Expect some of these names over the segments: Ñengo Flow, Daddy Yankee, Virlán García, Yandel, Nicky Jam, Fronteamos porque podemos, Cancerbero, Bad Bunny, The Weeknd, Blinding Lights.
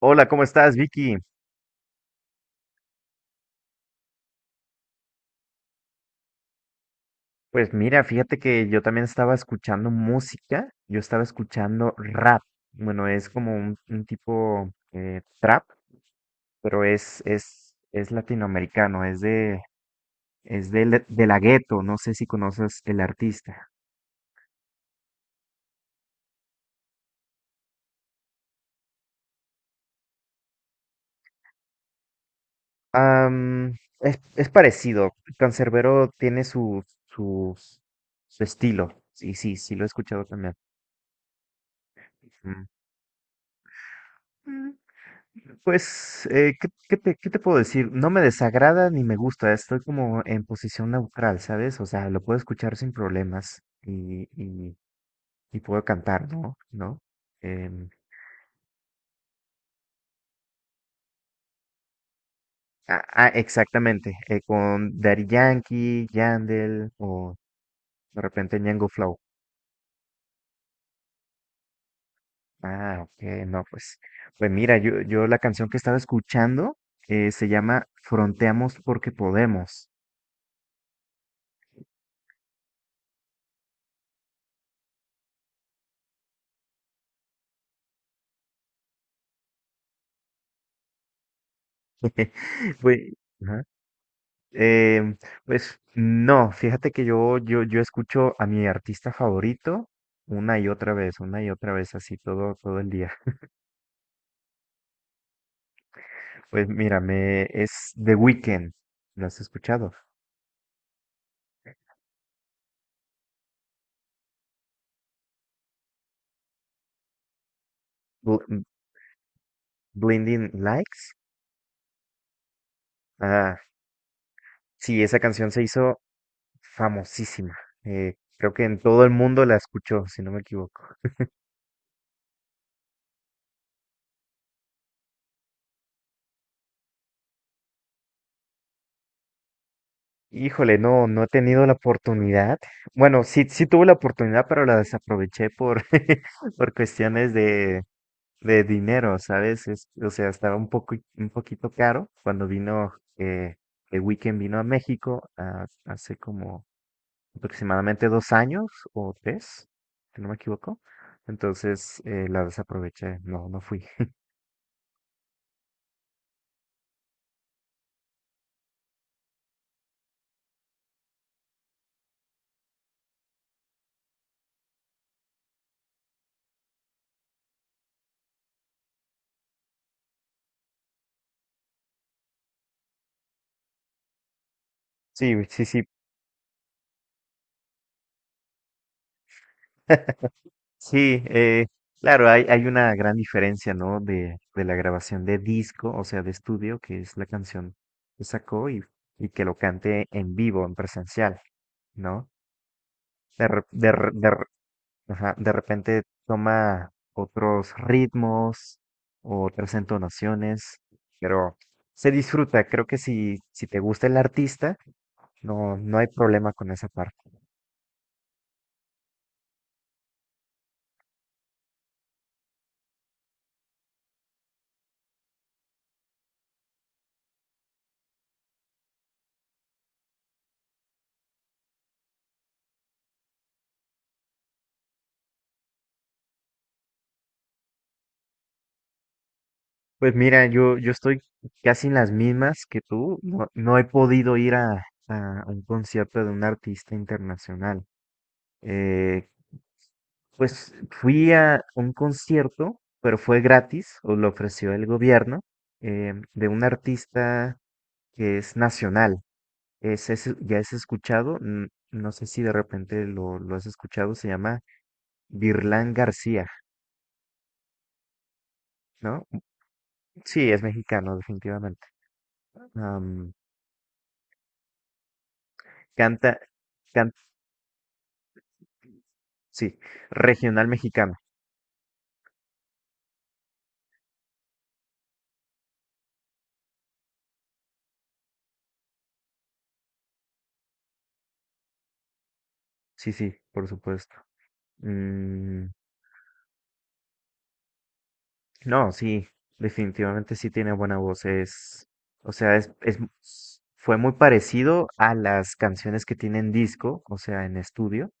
Hola, ¿cómo estás, Vicky? Pues mira, fíjate que yo también estaba escuchando música, yo estaba escuchando rap. Bueno, es como un tipo trap, pero es latinoamericano, es de de la Ghetto, no sé si conoces el artista. Am, es parecido, Cancerbero tiene su estilo, sí lo he escuchado también. Ujú. Pues, ¿ qué te puedo decir? No me desagrada ni me gusta, estoy como en posición neutral, ¿sabes? O sea, lo puedo escuchar sin problemas y puedo cantar, ¿no? ¿No? Em, exactamente, con Daddy Yankee, Yandel o de repente Ñengo Flow. Ah, ok, no, pues, pues mira, yo la canción que estaba escuchando se llama Fronteamos porque podemos. Fue- ajá. Eh, pues no, fíjate que yo escucho a mi artista favorito una y otra vez, una y otra vez, así todo el día. Pues mira, es The Weeknd, ¿lo has escuchado? Bl- m- Blinding Lights. Ah, sí, esa canción se hizo famosísima. Creo que en todo el mundo la escuchó, si no me equivoco. Híjole, no, no he tenido la oportunidad. Bueno, sí tuve la oportunidad, pero la desaproveché por, por cuestiones de dinero, ¿sabes? O sea, estaba un poco, un poquito caro cuando vino, el Weekend vino a México, hace como aproximadamente dos años o tres, si no me equivoco. Entonces, la desaproveché, no, no fui. Sí, güey, sí, sí, sí, claro, hay una gran diferencia, ¿no? De la grabación de disco, o sea, de estudio, que es la canción que sacó y que lo cante en vivo, en presencial, ¿no? De, re- de, re- de Ajá, de repente toma otros ritmos o otras entonaciones, pero se disfruta. Creo que si, si te gusta el artista, no, no hay problema con esa parte. Pues mira, yo estoy casi en las mismas que tú. No, no he podido ir a un concierto de un artista internacional. Eh, pues fui a un concierto, pero fue gratis, o lo ofreció el gobierno, de un artista que es nacional. Ya has escuchado, no sé si de repente lo has escuchado, se llama Virlán García, ¿no? Sí, es mexicano, definitivamente. Am, canta, can- sí, regional mexicano, sí, sí, por supuesto. Mm, no, sí, definitivamente sí tiene buena voz, o sea, fue muy parecido a las canciones que tienen disco, o sea, en estudio.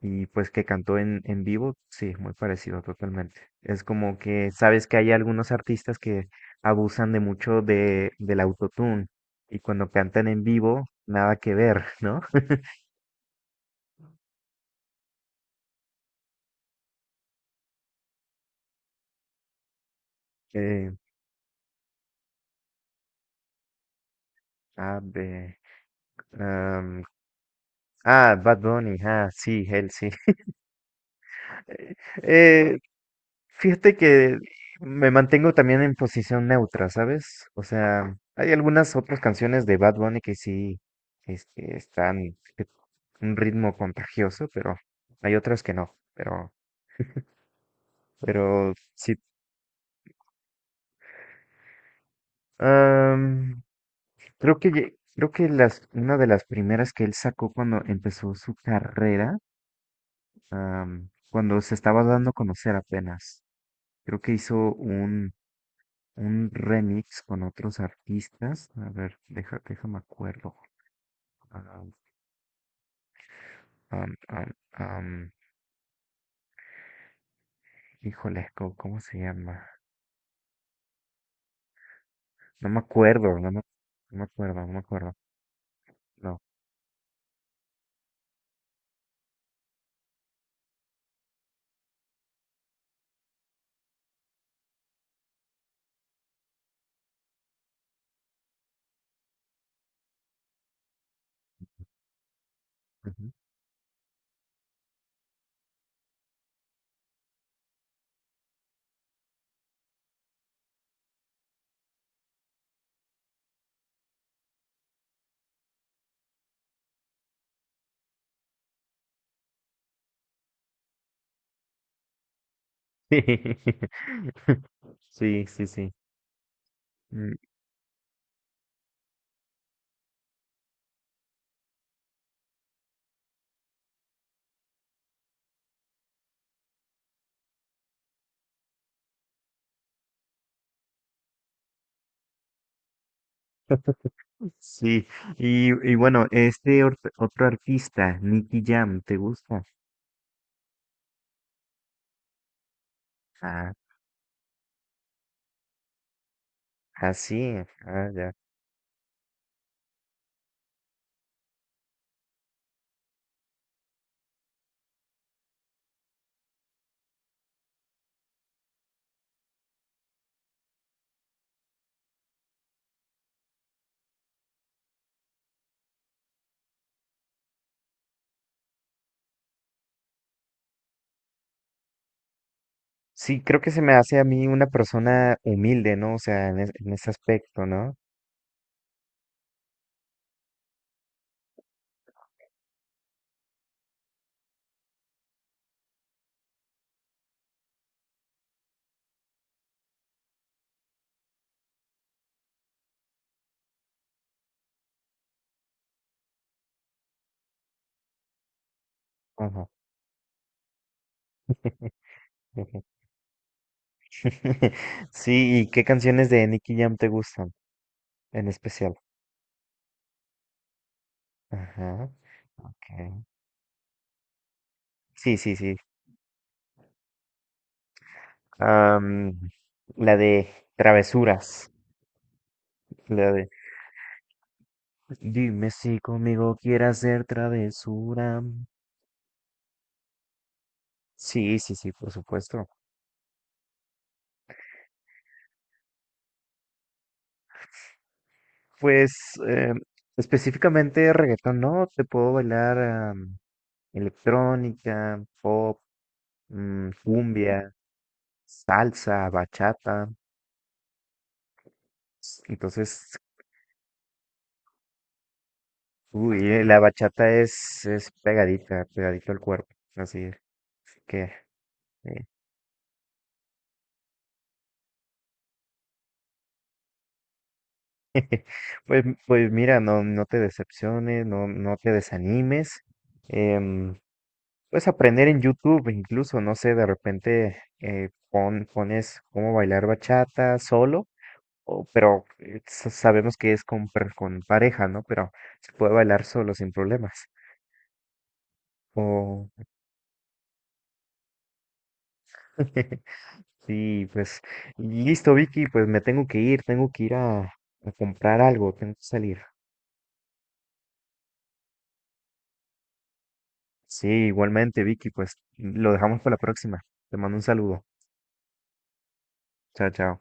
Y pues que cantó en vivo, sí, muy parecido totalmente. Es como que sabes que hay algunos artistas que abusan de mucho de, del autotune y cuando cantan en vivo, nada que ver, ¿no? Eh, a ver, am, ah, Bad Bunny, ah, sí, él sí. Eh, fíjate que me mantengo también en posición neutra, ¿sabes? O sea, hay algunas otras canciones de Bad Bunny que sí están eh, un ritmo contagioso, pero hay otras que no. Pero sí. am, creo que creo que una de las primeras que él sacó cuando empezó su carrera, am, cuando se estaba dando a conocer apenas. Creo que hizo un remix con otros artistas. A ver, deja, déjame acuerdo. Ah, am, am, am, híjole, ¿cómo se llama? No me acuerdo, no me, no me acuerdo, no me acuerdo. No. Ujú. Sí, sí, sí. Mm, sí, y bueno, otro artista, Nicky Jam, ¿te gusta? Ah, ah, sí, ah, ya. Sí, creo que se me hace a mí una persona humilde, ¿no? O sea, en ese aspecto, ¿no? Sí, ¿y qué canciones de Nicky Jam te gustan en especial? Ajá, ok. Sí, sí, sí. Am, la de travesuras. La de dime si conmigo quieres hacer travesura. Sí, sí, sí, por supuesto. Pues eh, específicamente reggaetón, ¿no? Te puedo bailar electrónica, pop, cumbia, salsa, bachata. Entonces, uy, la bachata es pegadita, pegadito al cuerpo, así que, eh, pues, pues mira, no, no te decepciones, no, no te desanimes, em, puedes aprender en YouTube, incluso, no sé, de repente pones cómo bailar bachata solo, o, pero sabemos que es con, con pareja, ¿no? Pero se puede bailar solo sin problemas, o... Sí, pues listo, Vicky, pues me tengo que ir a comprar algo, tengo que salir. Sí, igualmente, Vicky, pues lo dejamos para la próxima. Te mando un saludo. Chao, chao.